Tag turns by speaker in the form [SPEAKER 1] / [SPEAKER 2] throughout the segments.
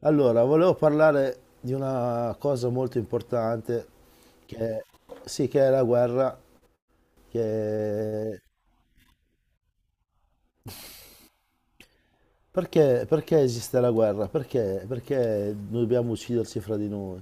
[SPEAKER 1] Allora, volevo parlare di una cosa molto importante che, sì, che è la guerra. che- perché esiste la guerra? Perché dobbiamo ucciderci fra di noi?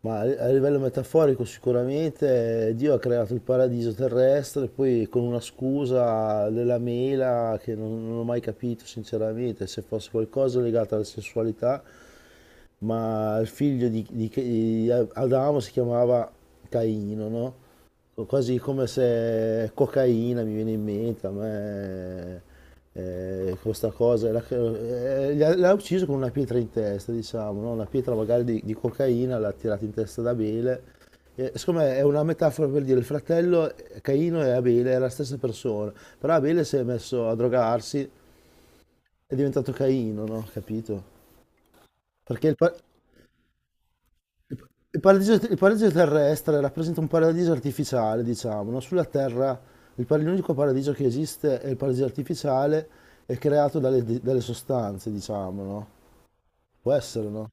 [SPEAKER 1] Ma a livello metaforico sicuramente Dio ha creato il paradiso terrestre, poi con una scusa della mela che non ho mai capito sinceramente, se fosse qualcosa legato alla sessualità, ma il figlio di Adamo si chiamava Caino, no? Quasi come se cocaina mi viene in mente, a me questa cosa, l'ha ucciso con una pietra in testa, diciamo, no? Una pietra magari di cocaina l'ha tirata in testa ad Abele. E, secondo me, è una metafora per dire il fratello Caino e Abele è la stessa persona, però Abele si è messo a drogarsi, è diventato Caino, no? Capito? Perché il, pa- il paradiso terrestre rappresenta un paradiso artificiale, diciamo, no? Sulla Terra l'unico paradiso che esiste è il paradiso artificiale, è creato dalle sostanze, diciamo, no? Può essere, no?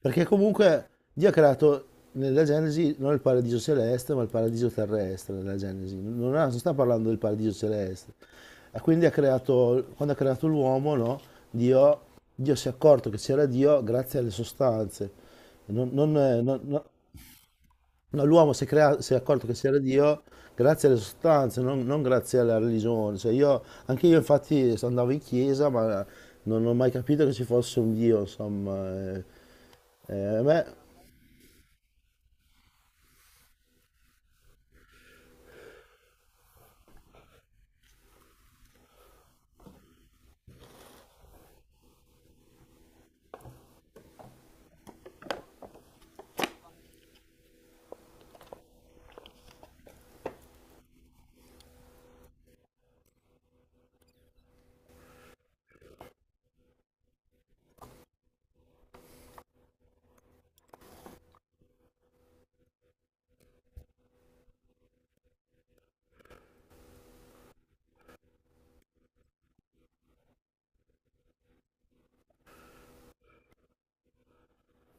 [SPEAKER 1] Perché comunque Dio ha creato nella Genesi non il paradiso celeste, ma il paradiso terrestre nella Genesi. Non sta parlando del paradiso celeste. E quindi ha creato, quando ha creato l'uomo, no? Dio, Dio si è accorto che c'era Dio grazie alle sostanze. Non, non- non- non- No, l'uomo si è accorto che c'era Dio grazie alle sostanze, non grazie alla religione. Cioè io, anche io infatti andavo in chiesa, ma non ho mai capito che ci fosse un Dio, insomma. Eh, a me-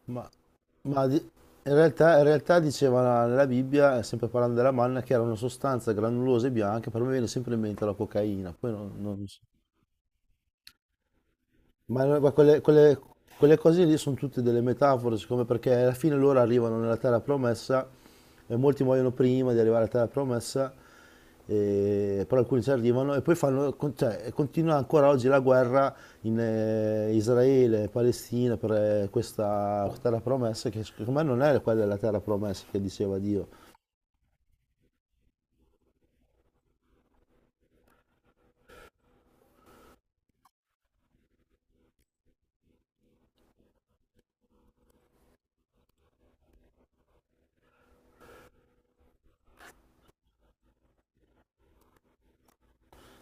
[SPEAKER 1] ma, ma di- in realtà diceva nella Bibbia, sempre parlando della manna, che era una sostanza granulosa e bianca, per me viene sempre in mente la cocaina, poi non, non- Ma, no- ma quelle, quelle- quelle cose lì sono tutte delle metafore, siccome perché alla fine loro arrivano nella terra promessa e molti muoiono prima di arrivare alla terra promessa, però alcuni ci arrivano e poi fanno, cioè, e continua ancora oggi la guerra in Israele e Palestina per questa terra promessa, che secondo me non è quella della terra promessa che diceva Dio.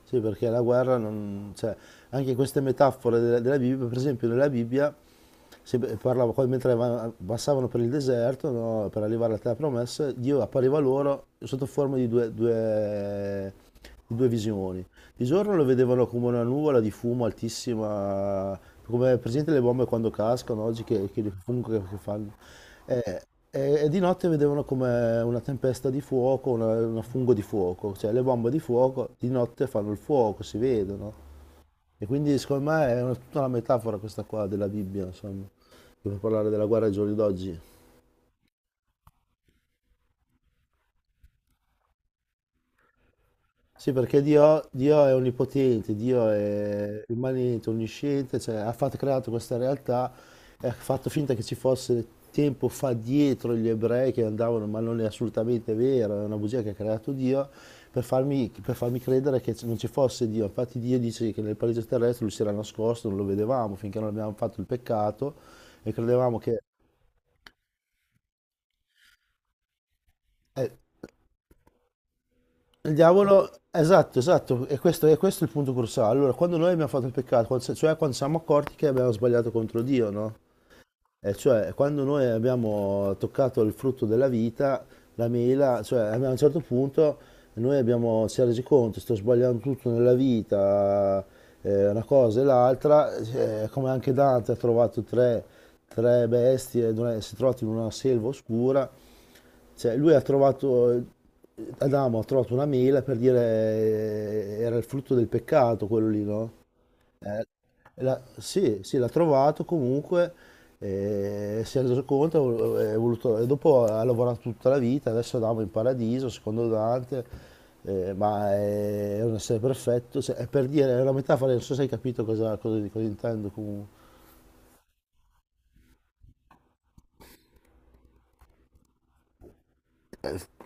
[SPEAKER 1] Sì, perché la guerra non... Cioè, anche in queste metafore della Bibbia, per esempio nella Bibbia, se parlava, qua mentre passavano per il deserto, no, per arrivare alla terra promessa, Dio appariva loro sotto forma di due visioni. Di giorno lo vedevano come una nuvola di fumo altissima, come presente le bombe quando cascano oggi, che, il fumo che fanno. Eh, e di notte vedevano come una tempesta di fuoco, una fungo di fuoco, cioè le bombe di fuoco di notte fanno il fuoco, si vedono. E quindi secondo me è tutta una metafora questa qua della Bibbia, insomma, per parlare della guerra ai giorni d'oggi. Sì, perché Dio, Dio è onnipotente, Dio è immanente, onnisciente, cioè creato questa realtà e ha fatto finta che ci fosse tempo fa dietro gli ebrei che andavano, ma non è assolutamente vero, è una bugia che ha creato Dio per farmi, credere che non ci fosse Dio. Infatti Dio dice che nel paradiso terrestre lui si era nascosto, non lo vedevamo finché non abbiamo fatto il peccato e credevamo che... eh, Il diavolo, esatto, esatto, e questo è il punto cruciale. Allora, quando noi abbiamo fatto il peccato, cioè quando siamo accorti che abbiamo sbagliato contro Dio, no? E cioè, quando noi abbiamo toccato il frutto della vita, la mela, cioè a un certo punto si è resi conto, sto sbagliando tutto nella vita, una cosa e l'altra, come anche Dante ha trovato tre bestie, dove si è trovato in una selva oscura, cioè Adamo ha trovato una mela per dire era il frutto del peccato quello lì, no? Eh, sì, sì, l'ha trovato comunque, si è reso conto, e dopo ha lavorato tutta la vita, adesso andiamo in paradiso, secondo Dante, ma è un essere perfetto, è per dire, è una metafora, non so se hai capito cosa, cosa intendo comunque.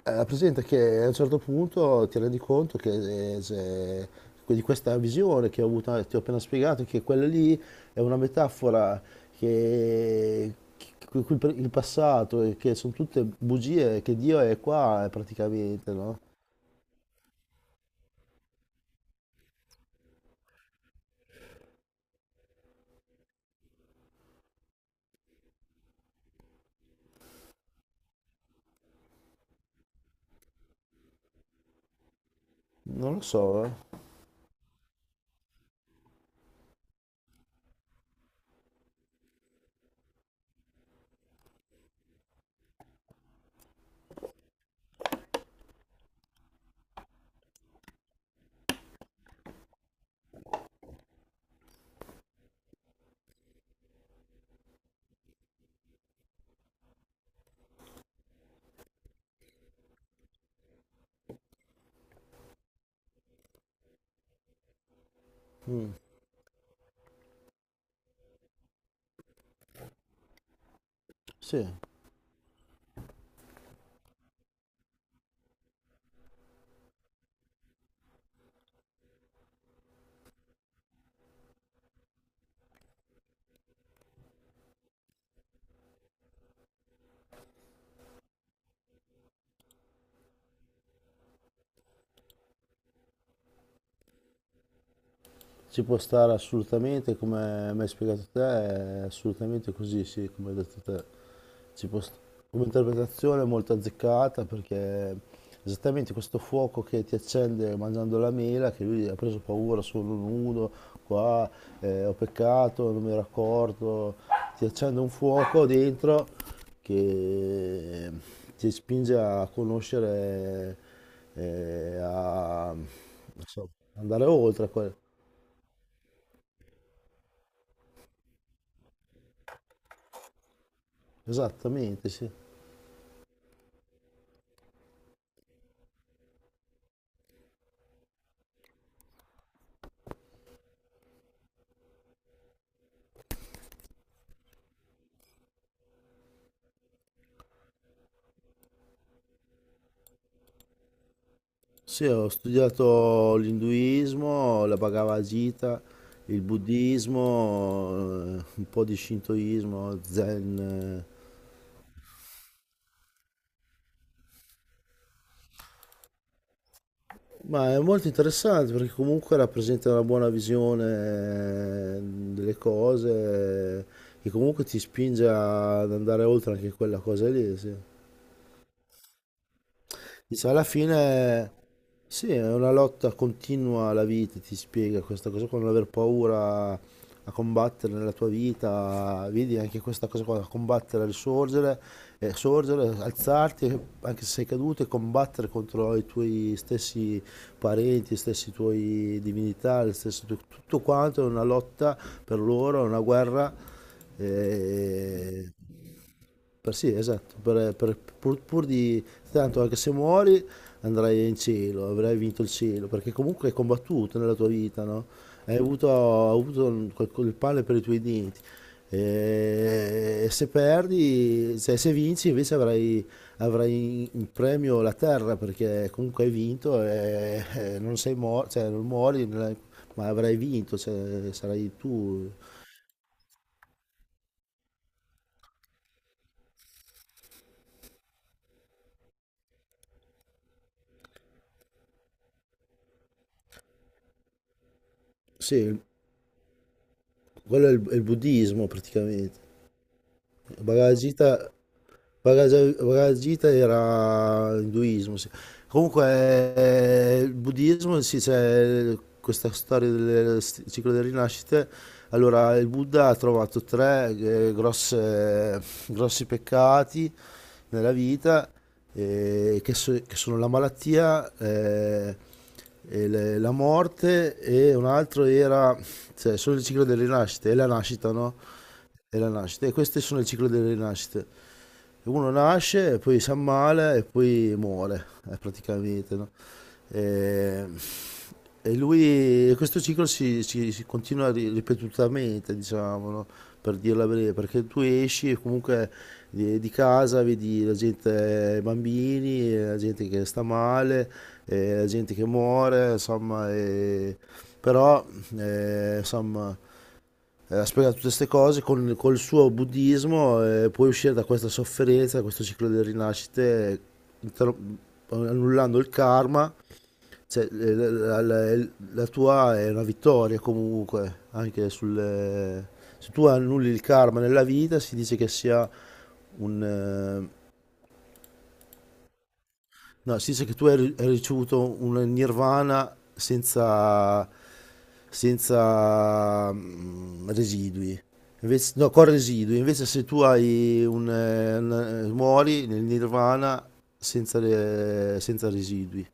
[SPEAKER 1] Presente che a un certo punto ti rendi conto che di questa visione che ho avuto, ti ho appena spiegato, che quella lì è una metafora che il passato e che sono tutte bugie, che Dio è qua praticamente, no? Non lo so. Sì, ci può stare assolutamente, come mi hai spiegato te, è assolutamente così, sì, come hai detto te. Ci può st- Come interpretazione è molto azzeccata perché esattamente questo fuoco che ti accende mangiando la mela, che lui ha preso paura, sono nudo, qua ho peccato, non mi ero accorto, ti accende un fuoco dentro che ti spinge a conoscere, a non so, andare oltre a quello. Esattamente, sì. Sì, ho studiato l'induismo, la Bhagavad Gita, il buddismo, un po' di shintoismo, zen. Ma è molto interessante perché comunque rappresenta una buona visione delle cose e comunque ti spinge ad andare oltre anche quella cosa lì, sì. Dice, alla fine, sì, è una lotta continua alla vita, ti spiega questa cosa qua, non aver paura a combattere nella tua vita, vedi anche questa cosa qua, combattere, risorgere, sorgere, alzarti, anche se sei caduto, e combattere contro i tuoi stessi parenti, i stessi tuoi divinità, tutto quanto è una lotta per loro, è una guerra. Eh, per Sì, esatto, pur di tanto anche se muori andrai in cielo, avrai vinto il cielo, perché comunque hai combattuto nella tua vita, no? Hai avuto, hai avuto quel pane per i tuoi denti. E se perdi, se vinci invece avrai in premio la terra, perché comunque hai vinto e non sei morto, cioè non muori, non hai- ma avrai vinto, cioè sarai tu. Sì, quello è il buddismo praticamente. Paragita, Paragita era induismo, sì. Comunque il buddismo, sì, c'è questa storia del ciclo delle rinascite. Allora, il Buddha ha trovato tre grossi peccati nella vita, che, che sono la malattia, e la morte e un altro era, cioè, solo il ciclo delle rinascite, e la nascita, no? E la nascita, e queste sono il ciclo delle rinascite. Uno nasce, e poi si ammala e poi muore, praticamente, no? E, e lui, questo ciclo si continua ripetutamente, diciamo, no? Per dirla breve, perché tu esci e comunque di casa, vedi la gente, i bambini, la gente che sta male, la gente che muore, insomma, però, insomma, ha spiegato tutte queste cose col suo buddismo, puoi uscire da questa sofferenza, da questo ciclo delle rinascite, inter- annullando il karma, cioè, la tua è una vittoria comunque, anche sul... Se tu annulli il karma nella vita, si dice che sia un... No, si dice che tu hai ricevuto un nirvana senza, senza residui. Invece, no, con residui. Invece se tu muori nel nirvana senza residui.